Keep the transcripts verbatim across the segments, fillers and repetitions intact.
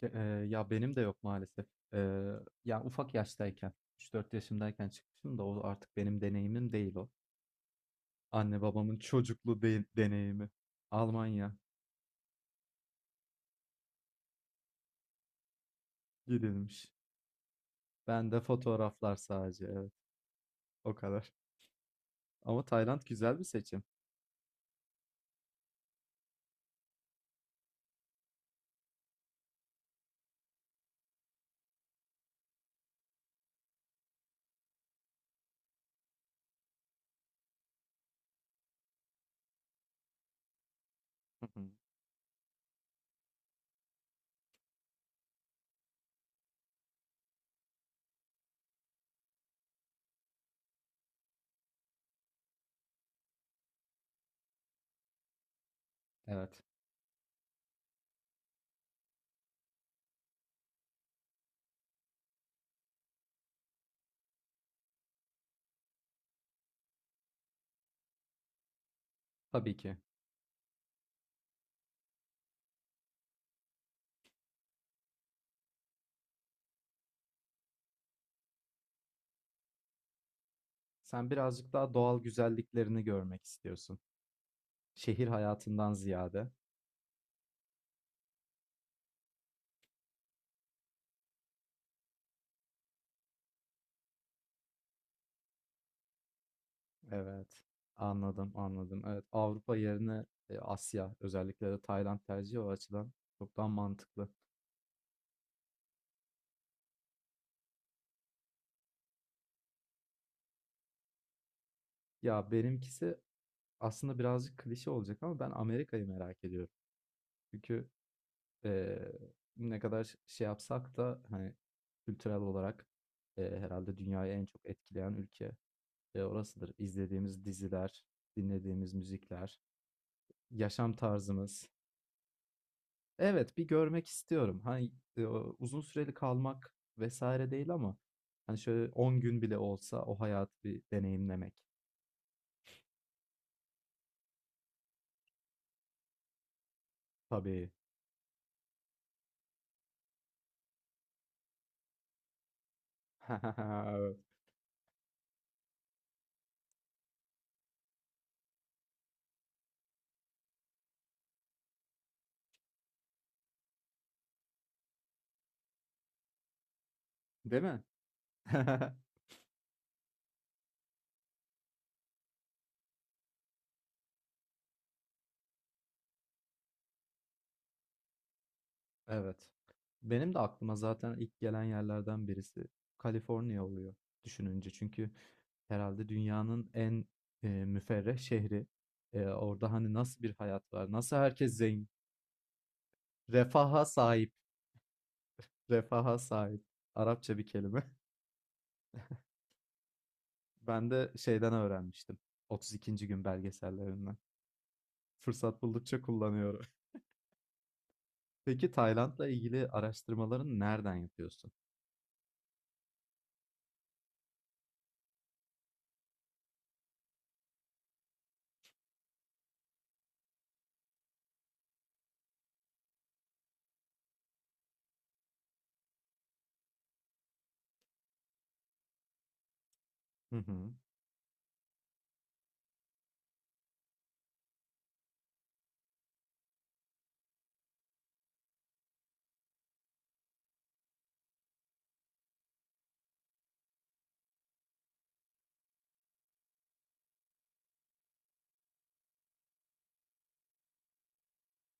Ke- e, Ya benim de yok maalesef. E, Ya ufak yaştayken, üç dört yaşımdayken çıkmışım da o artık benim deneyimim değil o. Anne babamın çocuklu de- deneyimi. Almanya gidilmiş. Ben de fotoğraflar sadece, evet, o kadar. Ama Tayland güzel bir seçim. Hı hı. Evet, tabii ki. Sen birazcık daha doğal güzelliklerini görmek istiyorsun. Şehir hayatından ziyade. Evet. Anladım, anladım. Evet, Avrupa yerine e, Asya, özellikle de Tayland tercihi o açıdan çok daha mantıklı. Ya benimkisi aslında birazcık klişe olacak ama ben Amerika'yı merak ediyorum. Çünkü e, ne kadar şey yapsak da hani kültürel olarak e, herhalde dünyayı en çok etkileyen ülke e, orasıdır. İzlediğimiz diziler, dinlediğimiz müzikler, yaşam tarzımız. Evet, bir görmek istiyorum. Hani, eee, uzun süreli kalmak vesaire değil ama hani şöyle on gün bile olsa o hayatı bir deneyimlemek. Tabii. Değil mi? Evet. Benim de aklıma zaten ilk gelen yerlerden birisi Kaliforniya oluyor düşününce. Çünkü herhalde dünyanın en e, müferreh şehri. E, orada hani nasıl bir hayat var? Nasıl herkes zengin? Refaha sahip. Refaha sahip. Arapça bir kelime. Ben de şeyden öğrenmiştim. otuz ikinci gün belgesellerinden. Fırsat buldukça kullanıyorum. Peki Tayland'la ilgili araştırmalarını nereden yapıyorsun? Hı hı.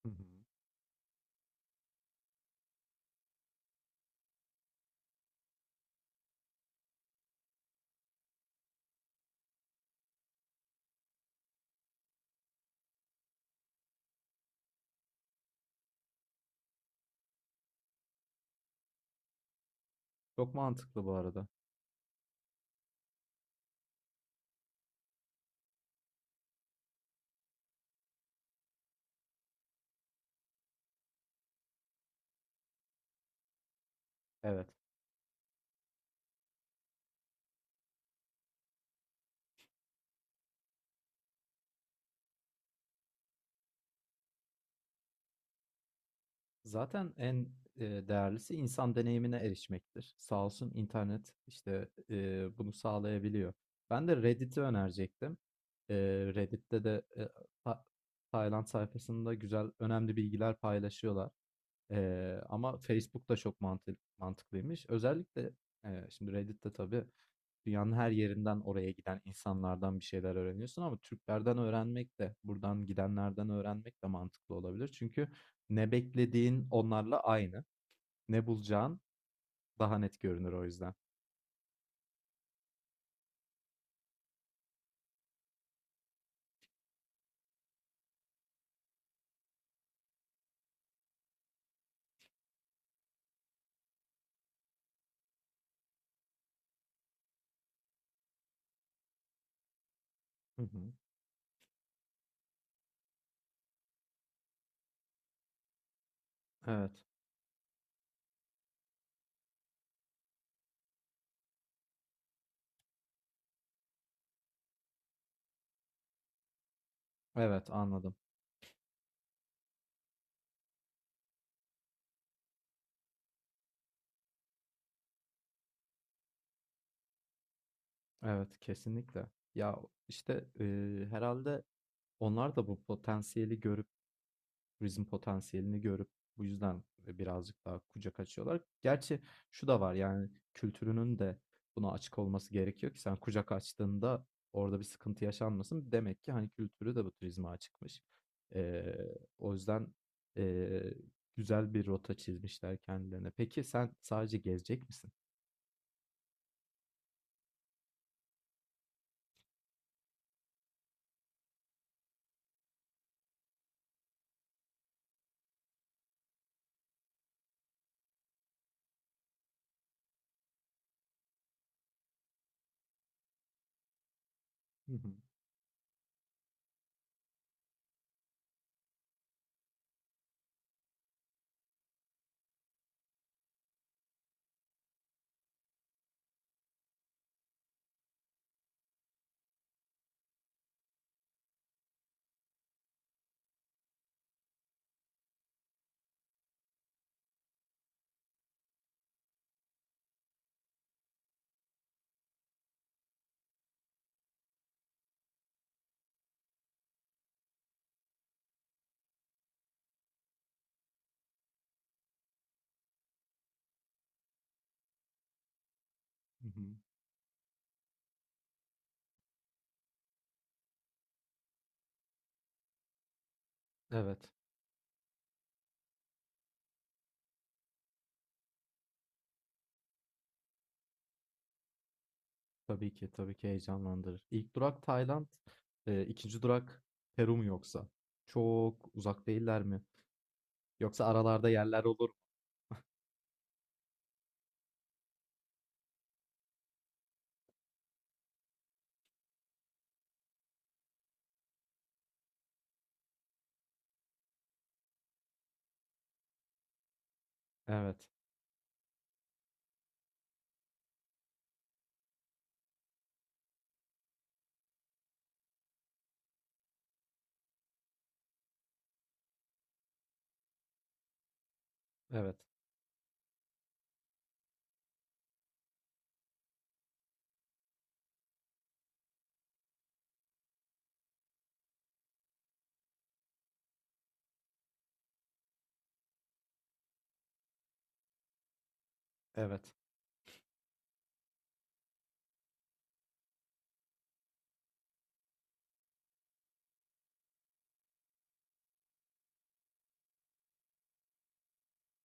Hı hı. Çok mantıklı bu arada. Evet. Zaten en e, değerlisi insan deneyimine erişmektir. Sağ olsun internet işte e, bunu sağlayabiliyor. Ben de Reddit'i önerecektim. E, Reddit'te de e, Ta- Tayland sayfasında güzel, önemli bilgiler paylaşıyorlar. Eee, ama Facebook da çok mantı mantıklıymış. Özellikle, eee, şimdi Reddit'te tabii dünyanın her yerinden oraya giden insanlardan bir şeyler öğreniyorsun ama Türklerden öğrenmek de, buradan gidenlerden öğrenmek de mantıklı olabilir. Çünkü ne beklediğin onlarla aynı, ne bulacağın daha net görünür o yüzden. Hı hı. Evet, evet, anladım. Evet, kesinlikle. Ya işte eee, herhalde onlar da bu potansiyeli görüp turizm potansiyelini görüp bu yüzden, birazcık daha kucak açıyorlar. Gerçi şu da var, yani, kültürünün de buna açık olması gerekiyor ki sen kucak açtığında orada bir sıkıntı yaşanmasın. Demek ki, hani, kültürü de bu turizme açıkmış. Eee, o yüzden, eee, güzel bir rota çizmişler kendilerine. Peki sen sadece gezecek misin? Hı hı. Hı hı. Evet. Tabii ki, tabii ki heyecanlandırır. İlk durak Tayland, eee, ikinci durak Peru mu yoksa? Çok uzak değiller mi? Yoksa aralarda yerler olur mu? Evet, evet, evet.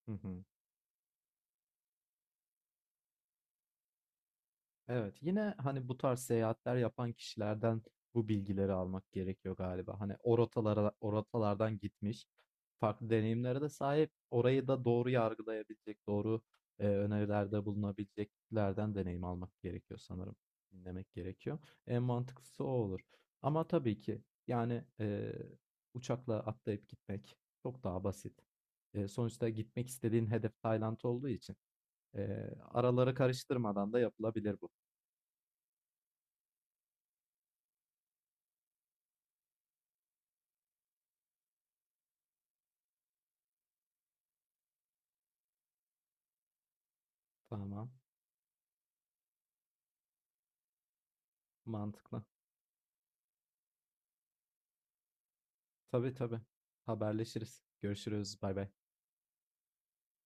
Hı hı. Evet, yine hani bu tarz seyahatler yapan kişilerden bu bilgileri almak gerekiyor galiba. Hani o rotalara, o rotalardan gitmiş, farklı deneyimlere de sahip, orayı da doğru yargılayabilecek, doğru e, önerilerde bulunabileceklerden deneyim almak gerekiyor sanırım. Dinlemek gerekiyor. En mantıklısı o olur. Ama tabii ki yani e, uçakla atlayıp gitmek çok daha basit. E, sonuçta gitmek istediğin hedef Tayland olduğu için e, araları karıştırmadan da yapılabilir bu. Tamam. Mantıklı. Tabii tabii. Haberleşiriz. Görüşürüz. Bay bay.